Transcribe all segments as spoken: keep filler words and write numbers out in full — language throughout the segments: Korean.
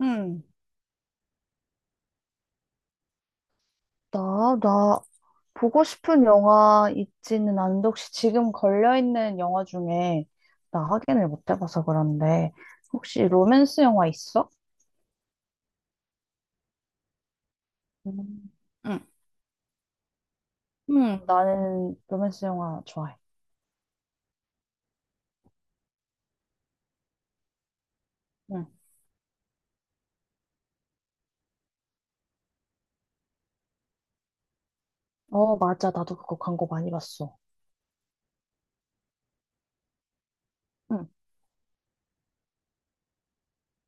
응, 나, 나, 보고 싶은 영화 있지는 않은데, 혹시 지금 걸려있는 영화 중에, 나 확인을 못 해봐서 그런데, 혹시 로맨스 영화 있어? 음. 응, 나는 로맨스 영화 좋아해. 응. 어, 맞아. 나도 그거 광고 많이 봤어. 응,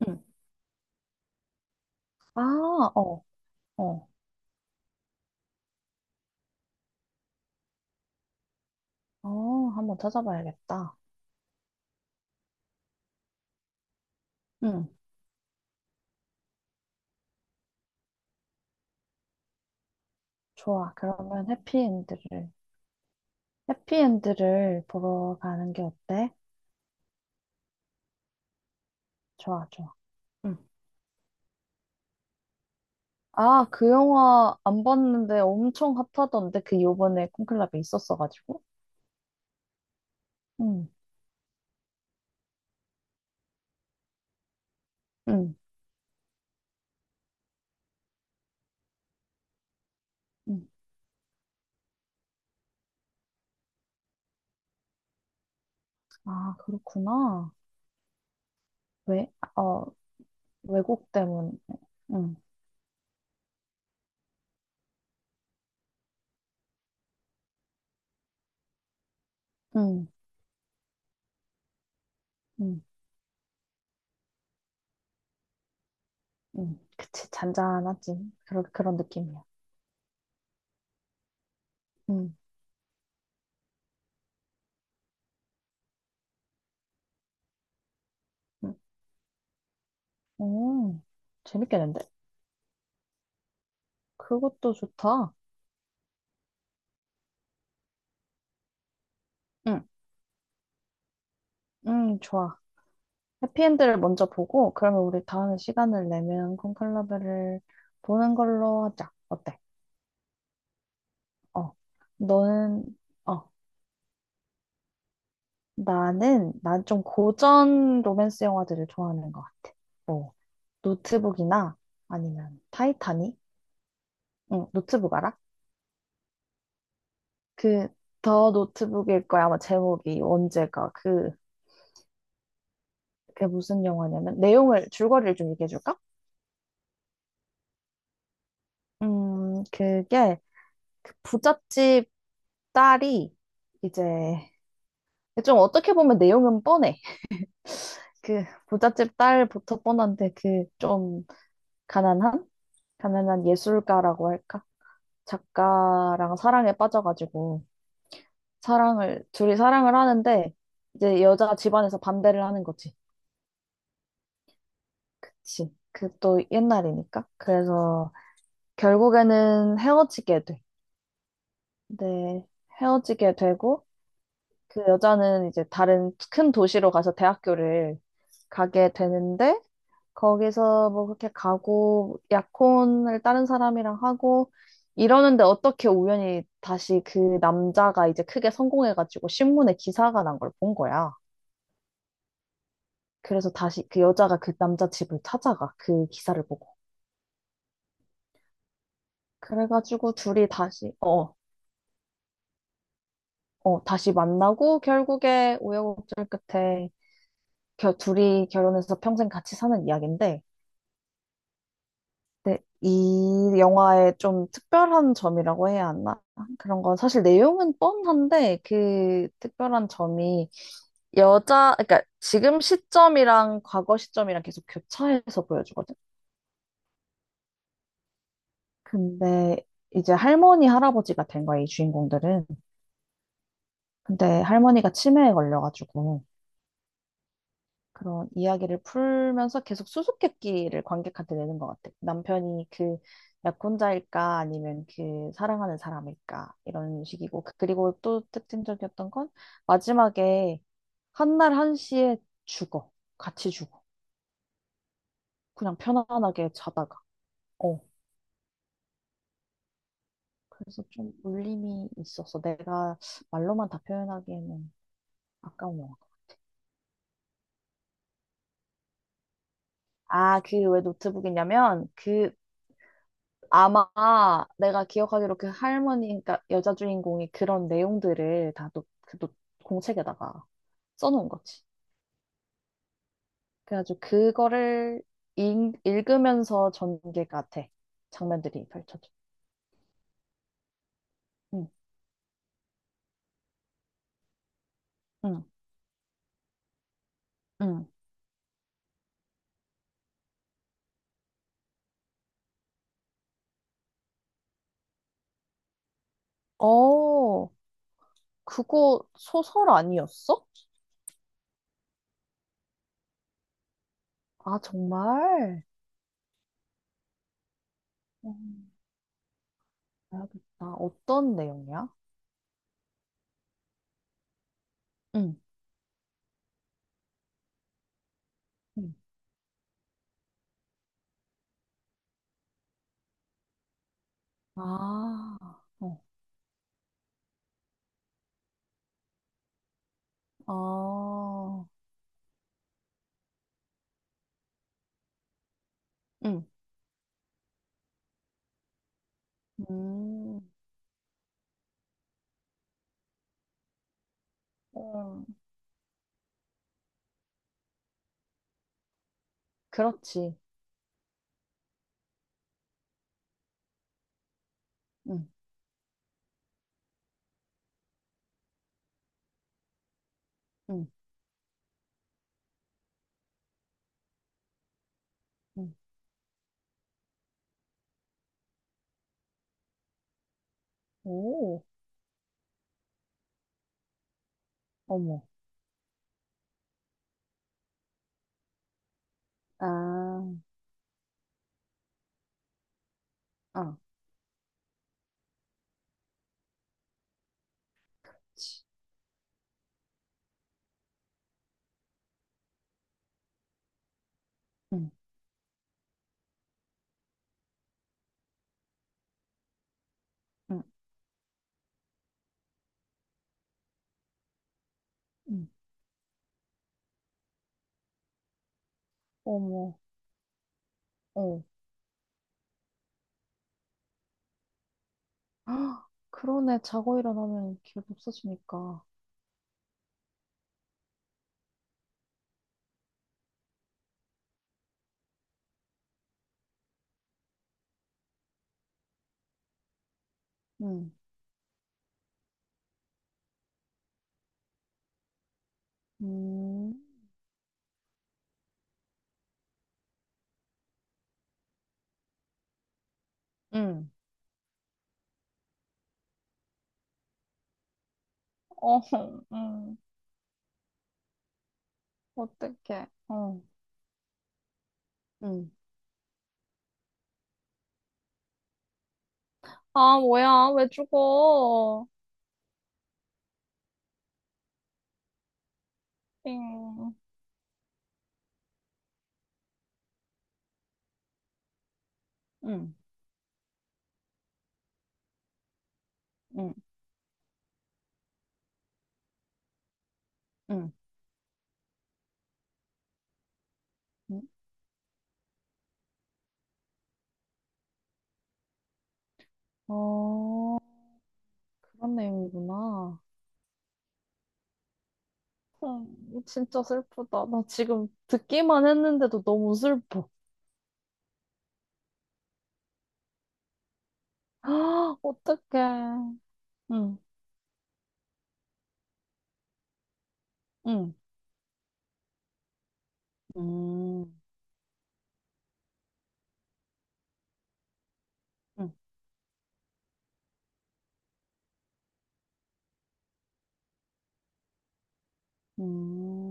응. 아, 어, 어, 어, 한번 찾아봐야겠다. 응, 좋아. 그러면 해피엔드를, 해피엔드를 보러 가는 게 어때? 좋아, 좋아. 응. 아, 그 영화 안 봤는데 엄청 핫하던데 그 요번에 콘클라베 있었어가지고. 응, 응, 응. 아, 그렇구나. 왜, 어, 왜곡 때문에. 응, 응, 응, 응. 그치, 잔잔하지. 그런, 그런 느낌이야. 응, 응. 오, 재밌겠는데? 그것도 좋다. 응, 응, 좋아. 해피엔드를 먼저 보고, 그러면 우리 다음에 시간을 내면 콘클라베를 보는 걸로 하자. 어때? 어, 너는, 어. 나는, 난 좀 고전 로맨스 영화들을 좋아하는 것 같아. 뭐, 노트북이나 아니면 타이타닉? 응, 노트북 알아? 그, 더 노트북일 거야. 아마 제목이 언제가. 그, 그게 무슨 영화냐면, 내용을, 줄거리를 좀 얘기해줄까? 음, 그게, 그 부잣집 딸이 이제, 좀 어떻게 보면 내용은 뻔해. 그 부잣집 딸부터 뻔한데, 그 좀 가난한? 가난한 예술가라고 할까? 작가랑 사랑에 빠져가지고 사랑을 둘이 사랑을 하는데 이제 여자 집안에서 반대를 하는 거지. 그치. 그 또 옛날이니까. 그래서 결국에는 헤어지게 돼. 네, 헤어지게 되고 그 여자는 이제 다른 큰 도시로 가서 대학교를 가게 되는데 거기서 뭐 그렇게 가고 약혼을 다른 사람이랑 하고 이러는데 어떻게 우연히 다시 그 남자가 이제 크게 성공해가지고 신문에 기사가 난 걸 본 거야. 그래서 다시 그 여자가 그 남자 집을 찾아가 그 기사를 보고. 그래가지고 둘이 다시 어, 어, 다시 만나고 결국에 우여곡절 끝에 겨, 둘이 결혼해서 평생 같이 사는 이야기인데 네, 이 영화의 좀 특별한 점이라고 해야 하나? 그런 건 사실 내용은 뻔한데 그 특별한 점이 여자, 그러니까 지금 시점이랑 과거 시점이랑 계속 교차해서 보여주거든. 근데 이제 할머니, 할아버지가 된 거야, 이 주인공들은. 근데 할머니가 치매에 걸려가지고 그런 이야기를 풀면서 계속 수수께끼를 관객한테 내는 것 같아. 남편이 그 약혼자일까 아니면 그 사랑하는 사람일까 이런 식이고 그- 그리고 또 특징적이었던 건 마지막에 한 날 한시에 죽어. 같이 죽어. 그냥 편안하게 자다가. 어. 그래서 좀 울림이 있었어. 내가 말로만 다 표현하기에는 아까운 영화. 아, 그 왜 노트북이냐면 그 아마 내가 기억하기로 그 할머니, 그러니까 여자 주인공이 그런 내용들을 다 노, 그 노, 공책에다가 써놓은 거지. 그래가지고 그거를 읽, 읽으면서 전개가 돼. 장면들이 펼쳐져. 응, 응, 응. 어, 그거 소설 아니었어? 아, 정말? 음, 봐겠다 어떤 내용이야? 응, 응. 아, 어, 아, 응, 음, 음. 그렇지. 응, 응, 응. 오, 어머. 아, 아, 치. 응, 응, 응. 어머, 어. 헉, 그러네. 자고 일어나면 기억 없어지니까. 응, 음, 응. 어, 응 어떡해. 어, 응, 아, 뭐야, 왜 죽어? 띵. 응, 응, 응. 응. 어, 그런 내용이구나. 음, 진짜 슬프다. 나 지금 듣기만 했는데도 너무 슬퍼. 아, 어떡해. 응, 응, 음, 응, 음,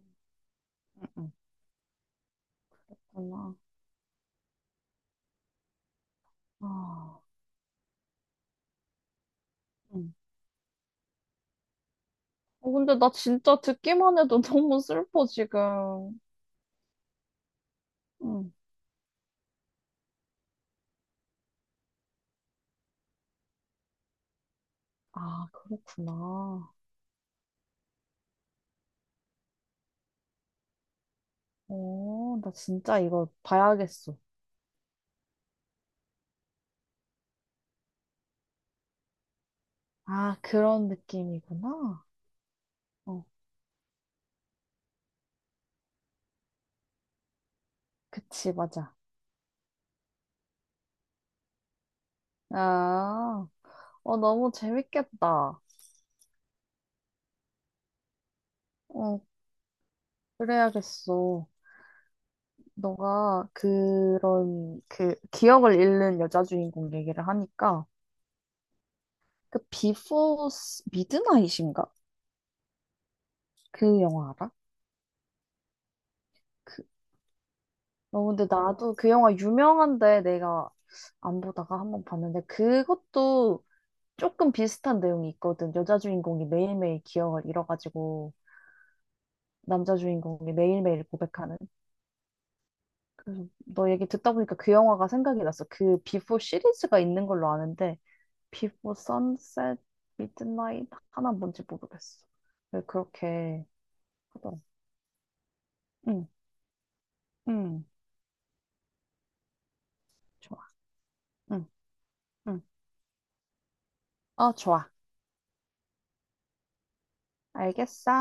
응, 그렇구나. 아, 응. 어, 근데 나 진짜 듣기만 해도 너무 슬퍼, 지금. 응. 아, 그렇구나. 오, 나 진짜 이거 봐야겠어. 아, 그런 느낌이구나. 어, 그치, 맞아. 아, 어, 너무 재밌겠다. 어, 그래야겠어. 너가 그런 그 기억을 잃는 여자 주인공 얘기를 하니까 그 비포 미드나잇인가? 그 영화 알아? 그 어, 근데 나도 그 영화 유명한데 내가 안 보다가 한번 봤는데 그것도 조금 비슷한 내용이 있거든. 여자 주인공이 매일매일 기억을 잃어가지고 남자 주인공이 매일매일 고백하는. 그래서 너 얘기 듣다 보니까 그 영화가 생각이 났어. 그 비포 시리즈가 있는 걸로 아는데 비포 선셋 미드나잇 하나 뭔지 모르겠어. 왜 그렇게 하더라. 응, 응, 좋아. 응, 응. 어, 좋아. 알겠어.